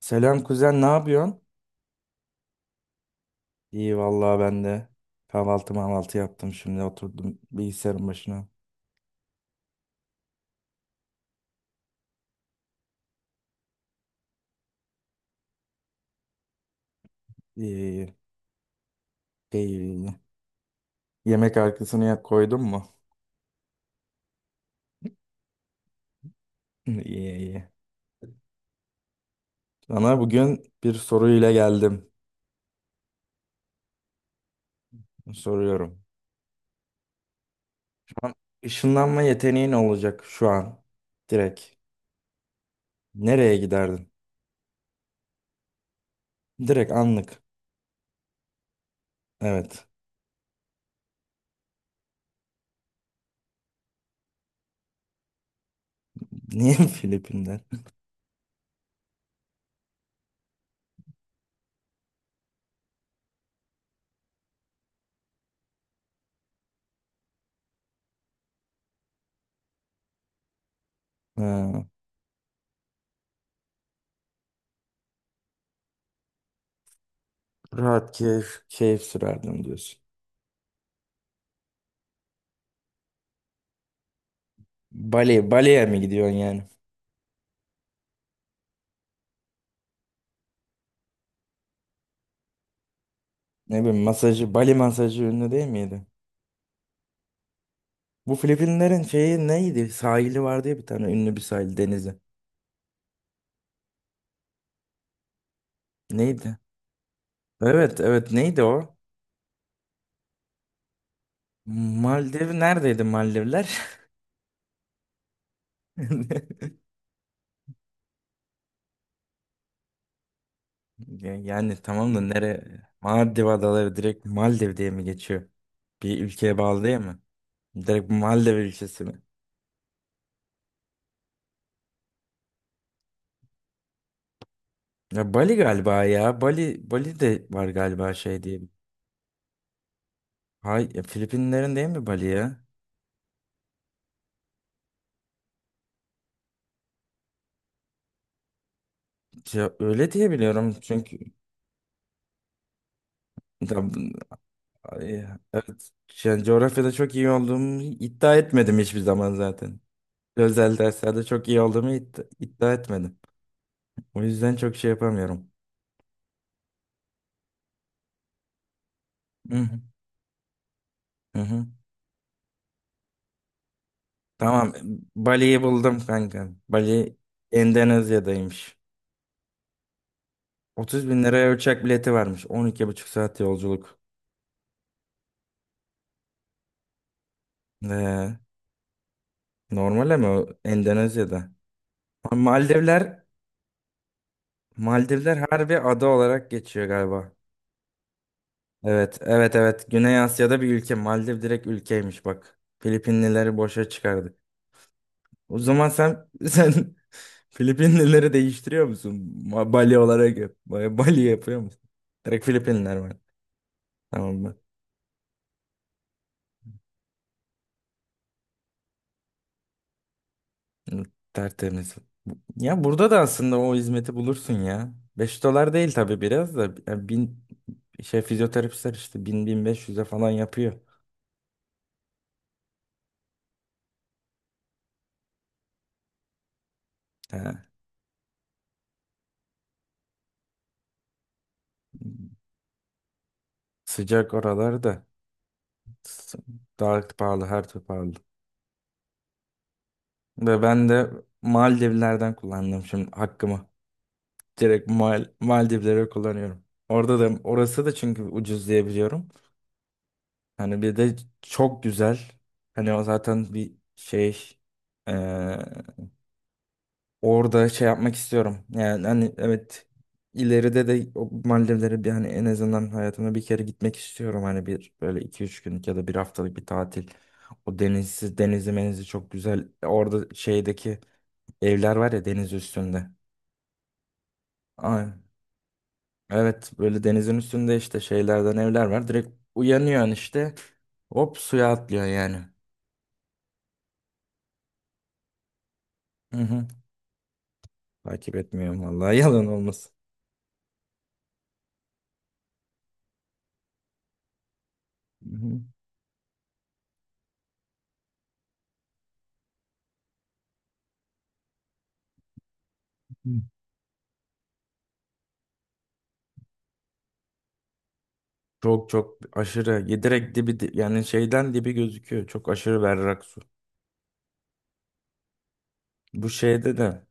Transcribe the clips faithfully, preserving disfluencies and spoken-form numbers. Selam kuzen, ne yapıyorsun? İyi vallahi ben de kahvaltı mahvaltı yaptım şimdi oturdum bilgisayarın başına. İyi iyi. İyi, iyi, iyi. Yemek arkasını ya koydun mu? İyi iyi. Sana bugün bir soruyla geldim. Soruyorum. Şu an ışınlanma yeteneğin olacak şu an. Direkt. Nereye giderdin? Direkt anlık. Evet. Niye Filipinler? Ha, rahat keyif, keyif sürerdim diyorsun. Bali, Bali'ye mi gidiyorsun yani? Ne bileyim masajı, Bali masajı ünlü değil miydi? Bu Filipinlerin şeyi neydi? Sahili vardı ya bir tane ünlü bir sahil denizi. Neydi? Evet, evet, neydi o? Maldiv neredeydi Maldivler? Ya- Yani tamam da nere? Maldiv adaları direkt Maldiv diye mi geçiyor? Bir ülkeye bağlı değil mi? Direkt Maldiv ülkesi mi? Ya Bali galiba ya. Bali Bali de var galiba şey diye. Hay, ya Filipinlerin değil mi Bali ya? Ya öyle diye biliyorum çünkü. Ay, evet. Yani coğrafyada çok iyi olduğumu iddia etmedim hiçbir zaman zaten. Özel derslerde çok iyi olduğumu idd- iddia etmedim. O yüzden çok şey yapamıyorum. Hı hı. Hı hı. Tamam. Bali'yi buldum kanka. Bali Endonezya'daymış. otuz bin liraya uçak bileti varmış. On iki buçuk saat yolculuk. Ee, normal ama o Endonezya'da. Maldivler, Maldivler harbi ada olarak geçiyor galiba. Evet, evet, evet. Güney Asya'da bir ülke. Maldiv direkt ülkeymiş bak. Filipinlileri boşa çıkardık. O zaman sen sen Filipinlileri değiştiriyor musun? Ma- Bali olarak yap. Ba- Bali yapıyor musun? Direkt Filipinler var. Tamam mı? Hı, tertemiz. Ya burada da aslında o hizmeti bulursun ya. Beş dolar değil tabii biraz da. Ya bin, şey fizyoterapistler işte bin bin beş yüz'e falan yapıyor. Ha. Sıcak oralarda. S- Daha pahalı, her türlü pahalı. Ve ben de Maldivlerden kullandım şimdi hakkımı. Direkt Mal Maldivlere kullanıyorum. Orada da orası da çünkü ucuz diye biliyorum. Hani bir de çok güzel. Hani o zaten bir şey eee, orada şey yapmak istiyorum. Yani hani evet ileride de o Maldivlere bir hani en azından hayatımda bir kere gitmek istiyorum. Hani bir böyle iki üç günlük ya da bir haftalık bir tatil. O denizi, denizi menizi çok güzel. Orada şeydeki evler var ya deniz üstünde. Ay, evet böyle denizin üstünde işte şeylerden evler var. Direkt uyanıyorsun işte. Hop suya atlıyorsun yani. Hı hı. Takip etmiyorum vallahi yalan olmasın. Hı hı. Hı. Çok çok aşırı direkt dibi di- yani şeyden dibi gözüküyor. Çok aşırı berrak su. Bu şeyde de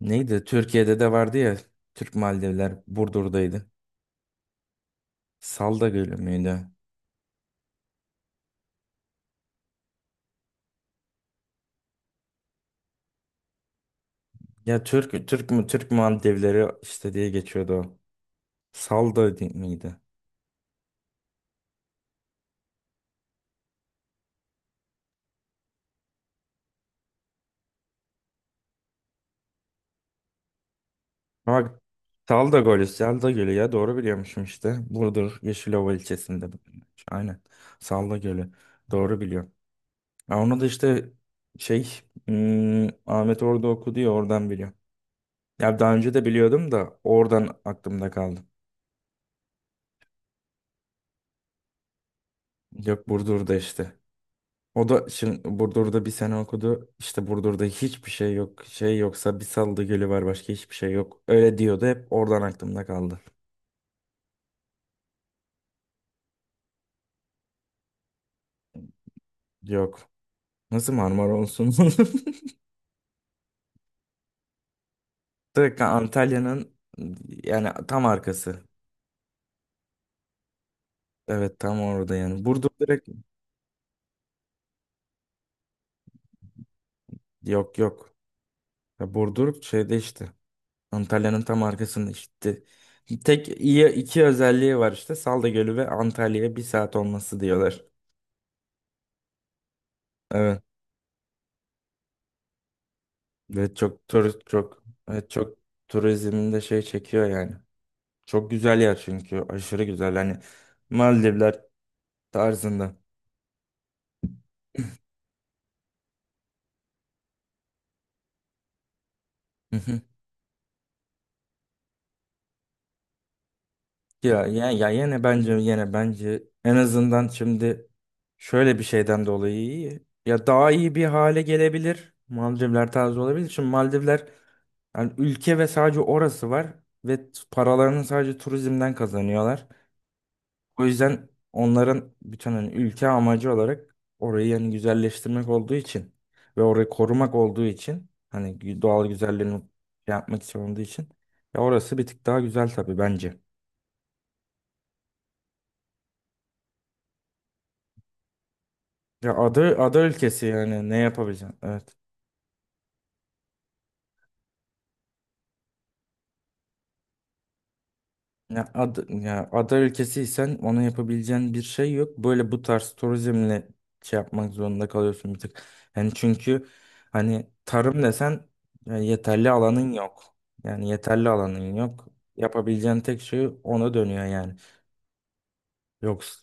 neydi? Türkiye'de de vardı ya Türk Maldivler Burdur'daydı. Salda Gölü müydü? Ya Türk Türk mü Türk Maldivleri işte diye geçiyordu o. Salda di- miydi? Ama bak Salda Gölü, Salda Gölü ya doğru biliyormuşum işte. Burdur Yeşilova ilçesinde. Aynen. Salda Gölü. Doğru biliyorum. Ya onu da işte şey hmm, Ahmet orada okudu ya oradan biliyorum. Ya daha önce de biliyordum da oradan aklımda kaldı. Yok Burdur'da işte. O da şimdi Burdur'da bir sene okudu. İşte Burdur'da hiçbir şey yok. Şey yoksa bir Salda Gölü var başka hiçbir şey yok. Öyle diyordu hep oradan aklımda kaldı. Yok. Nasıl Marmara olsun? Direkt Antalya'nın yani tam arkası. Evet tam orada yani. Burdur direkt yok yok. Ya Burdur şeyde işte. Antalya'nın tam arkasında işte. Tek iyi iki özelliği var işte. Salda Gölü ve Antalya'ya bir saat olması diyorlar. Evet. Ve çok turist çok, evet, çok turizmin de şey çekiyor yani. Çok güzel yer çünkü. Aşırı güzel. Hani Maldivler tarzında. Ya, ya, ya yine bence yine bence en azından şimdi şöyle bir şeyden dolayı iyi. Ya daha iyi bir hale gelebilir. Maldivler tarzı olabilir. Şimdi Maldivler yani ülke ve sadece orası var ve t- paralarını sadece turizmden kazanıyorlar. O yüzden onların bütün hani ülke amacı olarak orayı yani güzelleştirmek olduğu için ve orayı korumak olduğu için hani gü- doğal güzelliğini şey yapmak için olduğu için ya orası bir tık daha güzel tabii bence. Ya ada, ada ülkesi yani ne yapabileceksin? Evet. Ya ada, ya ada ülkesiysen ona yapabileceğin bir şey yok. Böyle bu tarz turizmle şey yapmak zorunda kalıyorsun bir tık. Yani çünkü hani tarım desen ya yeterli alanın yok. Yani yeterli alanın yok. Yapabileceğin tek şey ona dönüyor yani. Yoksa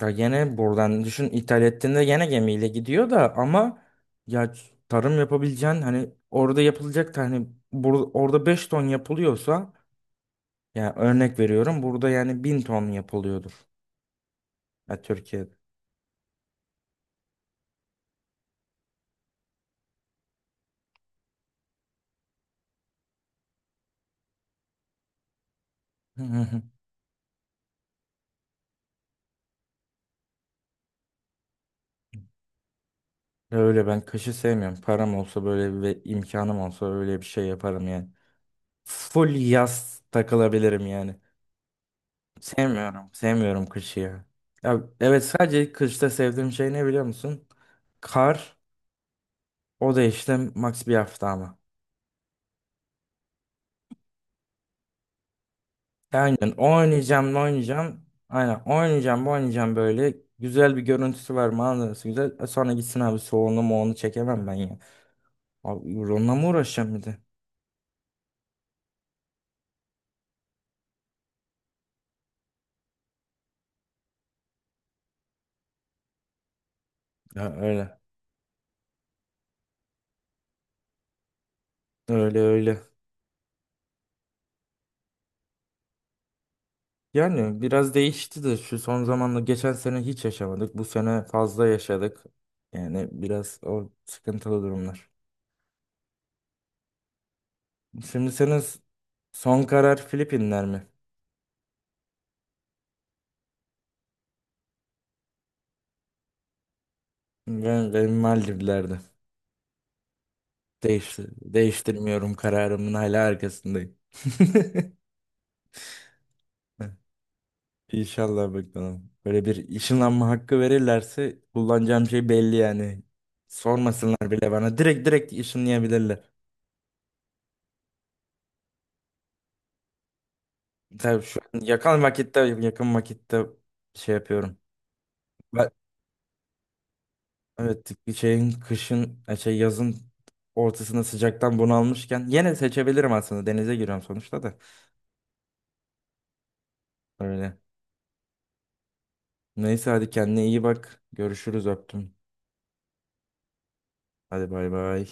da gene buradan düşün ithal ettiğinde gene gemiyle gidiyor da ama ya tarım yapabileceğin hani orada yapılacak da hani bur- orada beş ton yapılıyorsa. Yani örnek veriyorum burada yani bin ton yapılıyordur. Ya Türkiye'de. Hı hı hı. Öyle ben kışı sevmiyorum. Param olsa böyle ve imkanım olsa öyle bir şey yaparım yani. Full yaz takılabilirim yani. Sevmiyorum. Sevmiyorum kışı ya. Ya evet sadece kışta sevdiğim şey ne biliyor musun? Kar. O da işte max bir hafta ama. Aynen oynayacağım oynayacağım. Aynen oynayacağım oynayacağım böyle. Güzel bir görüntüsü var manzarası güzel. E Sonra gitsin abi soğuğunu moğunu çekemem ben ya. Abi onunla mı uğraşacağım bir de? Ya öyle. Öyle öyle. Yani biraz değişti de şu son zamanla geçen sene hiç yaşamadık. Bu sene fazla yaşadık. Yani biraz o sıkıntılı durumlar. Şimdi senin s- son karar Filipinler mi? Ben, benim Maldivler'de. Değişti, değiştirmiyorum kararımın hala arkasındayım. İnşallah bakalım. Böyle bir ışınlanma hakkı verirlerse kullanacağım şey belli yani. Sormasınlar bile bana. Direkt direkt ışınlayabilirler. Tabii şu an yakın vakitte yakın vakitte şey yapıyorum. Ben, evet bir şeyin kışın e, şey yazın ortasında sıcaktan bunalmışken yine seçebilirim aslında. Denize giriyorum sonuçta da. Öyle. Neyse hadi kendine iyi bak. Görüşürüz öptüm. Hadi bay bay.